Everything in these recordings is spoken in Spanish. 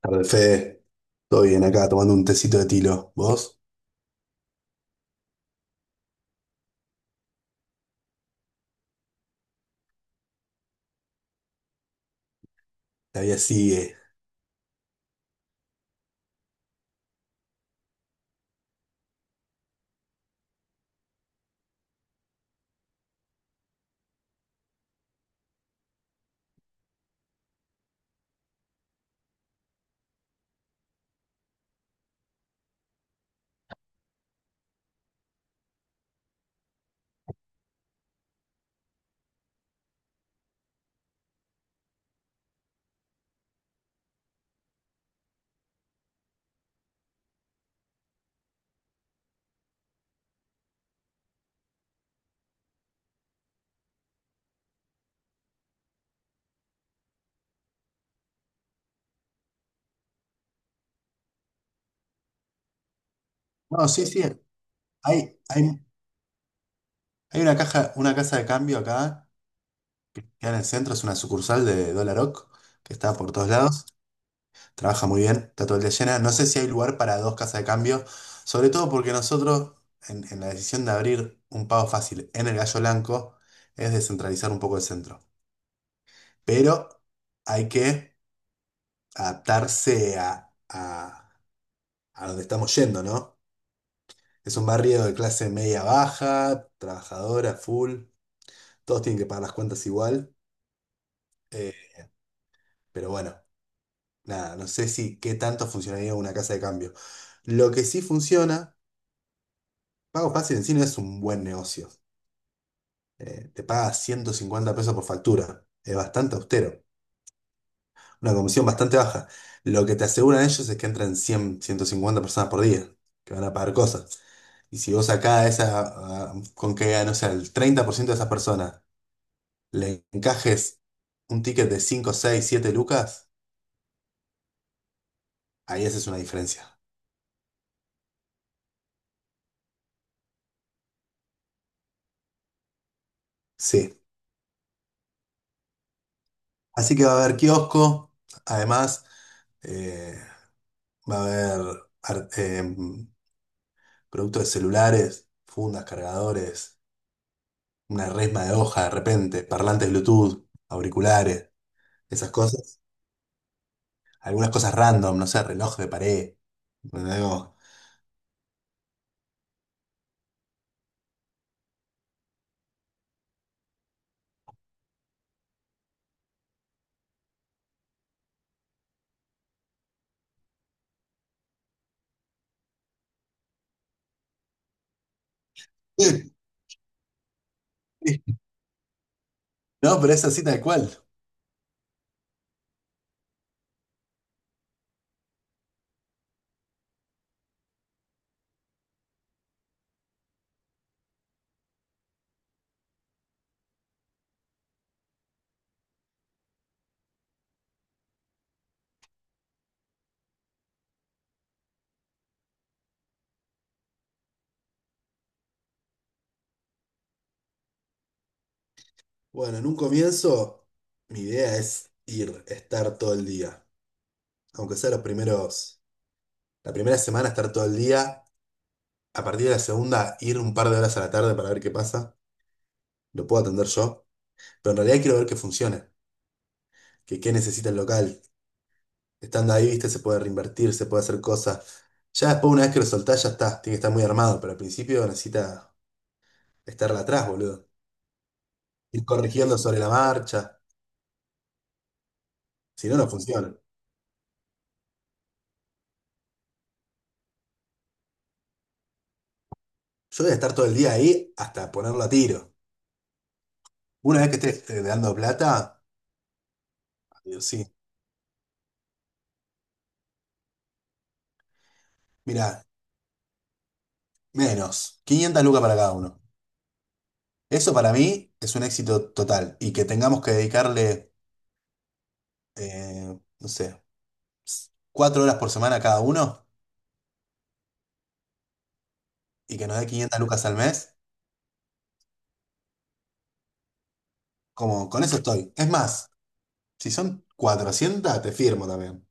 Tarde, Fede. Todo bien acá, tomando un tecito de tilo. ¿Vos? Todavía sigue. No, sí, sí. Hay, hay, hay una caja, una casa de cambio acá, que en el centro es una sucursal de Dollar Oak, que está por todos lados. Trabaja muy bien, está todo el día llena. No sé si hay lugar para dos casas de cambio, sobre todo porque nosotros, en la decisión de abrir un pago fácil en el Gallo Blanco, es descentralizar un poco el centro. Pero hay que adaptarse a donde estamos yendo, ¿no? Es un barrio de clase media baja, trabajadora, full. Todos tienen que pagar las cuentas igual. eh, pero bueno, nada, no sé si qué tanto funcionaría una casa de cambio. Lo que sí funciona, Pago Fácil en sí no es un buen negocio. Te paga 150 pesos por factura. Es bastante austero. Una comisión bastante baja. Lo que te aseguran ellos es que entran 100, 150 personas por día, que van a pagar cosas. Y si vos sacás esa, con que, no sé, el 30% de esas personas le encajes un ticket de 5 6 7 lucas, ahí esa es una diferencia. Sí. Así que va a haber kiosco, además eh, va a haber ar- em, productos de celulares, fundas, cargadores, una resma de hoja de repente, parlantes Bluetooth, auriculares, esas cosas. Algunas cosas random, no sé, reloj de pared. Algo. No, pero es así tal cual. Bueno, en un comienzo, mi idea es ir, estar todo el día. Aunque sea los primeros, la primera semana estar todo el día, a partir de la segunda ir un par de horas a la tarde para ver qué pasa, lo puedo atender yo, pero en realidad quiero ver que funcione, que qué necesita el local, estando ahí, viste, se puede reinvertir, se puede hacer cosas, ya después una vez que lo soltás ya está, tiene que estar muy armado, pero al principio necesita estarla atrás, boludo, ir corrigiendo sobre la marcha, si no, no funciona. Yo voy a estar todo el día ahí hasta ponerlo a tiro. Una vez que esté dando plata, digo, sí, mira, menos, 500 lucas para cada uno. Eso para mí es un éxito total y que tengamos que dedicarle, no sé, cuatro horas por semana a cada uno y que nos dé 500 lucas al mes, como con eso estoy. Es más, si son 400, te firmo también.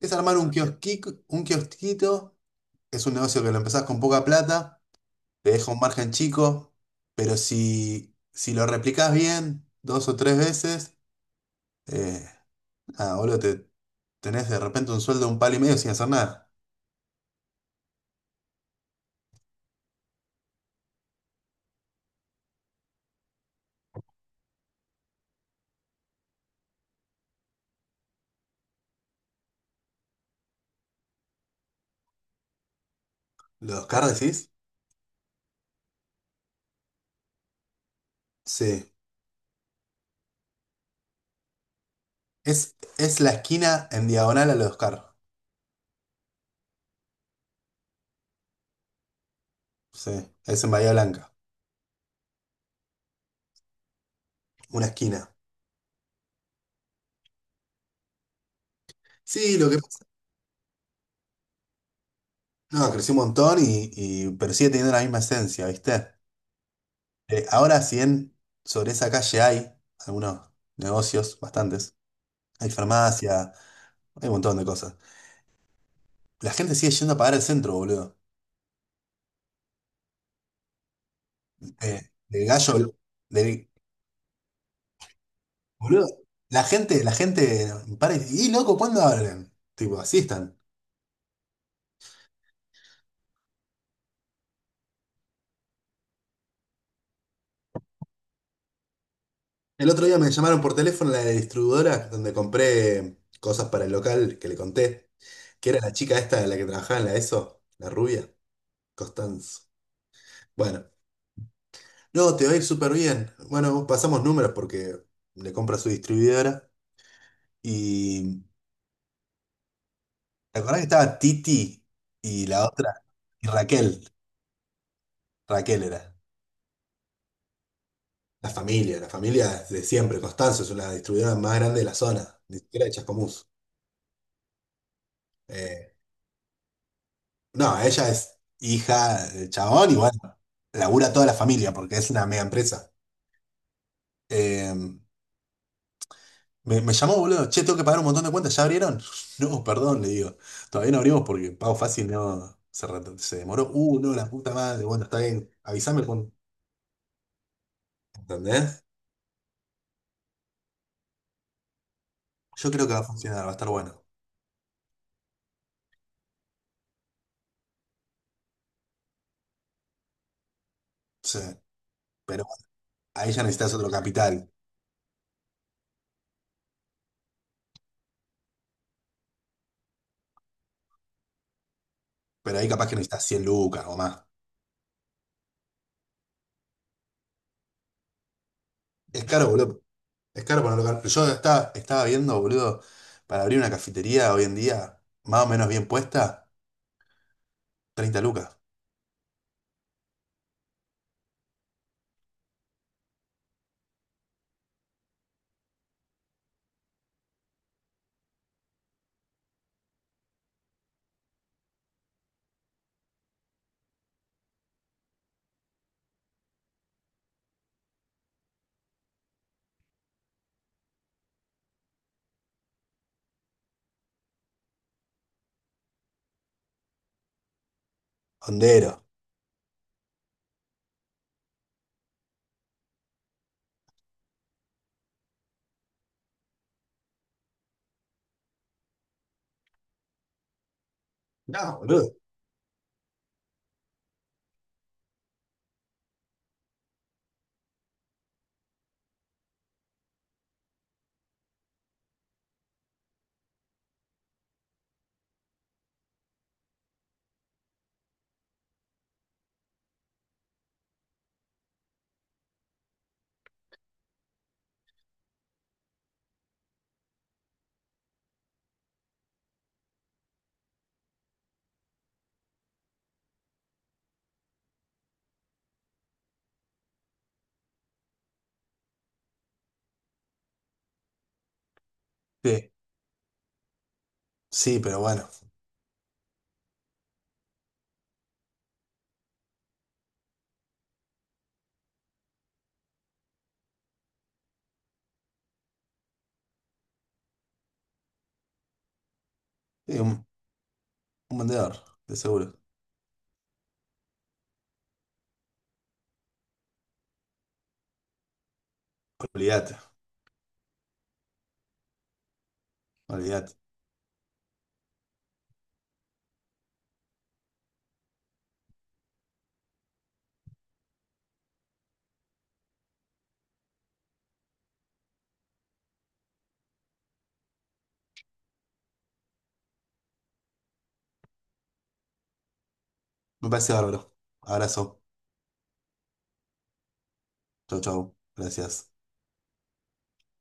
Es armar un kiosquito, es un negocio que lo empezás con poca plata, te deja un margen chico, pero si lo replicás bien dos o tres veces, eh, nada, boludo, te tenés de repente un sueldo de un palo y medio sin hacer nada. ¿Los car decís? Sí, es la esquina en diagonal al Oscar. Sí, es en Bahía Blanca, una esquina. Sí, lo que pasa, no, creció un montón pero sigue teniendo la misma esencia, ¿viste? Ahora, si bien sobre esa calle hay algunos negocios, bastantes, hay farmacia, hay un montón de cosas. La gente sigue yendo a pagar el centro, boludo. Eh, Del gallo, del, boludo. La gente para y, "Y, loco, ¿cuándo abren?". Tipo, así están. El otro día me llamaron por teléfono la distribuidora donde compré cosas para el local que le conté, que era la chica esta, la que trabajaba en la ESO, la rubia, Costanzo. Bueno, no, te va a ir súper bien. Bueno, pasamos números porque le compro su distribuidora. Y ¿te acordás que estaba Titi y la otra? Y Raquel, Raquel era. La familia de siempre. Costanzo es una distribuidora más grande de la zona, ni siquiera de Chascomús. Eh, No, ella es hija del chabón y sí. Bueno, labura toda la familia porque es una mega empresa. Eh, me llamó, boludo, che, tengo que pagar un montón de cuentas, ¿ya abrieron? No, perdón, le digo, todavía no abrimos porque pago fácil no se, re- se demoró. No, la puta madre, bueno, está bien, avísame cuando. ¿Entendés? Yo creo que va a funcionar, va a estar bueno. Sí, pero a ella necesitas otro capital, pero ahí capaz que necesitas 100 lucas o más. Es caro, boludo. Es caro para un local. Estaba viendo, boludo, para abrir una cafetería hoy en día, más o menos bien puesta, 30 lucas. Hondero. No, boludo. Sí. Sí, pero bueno. Sí, un vendedor, de seguro. Olvídate, olvídate. Me parece bárbaro. Abrazo. Chau, chau. Gracias.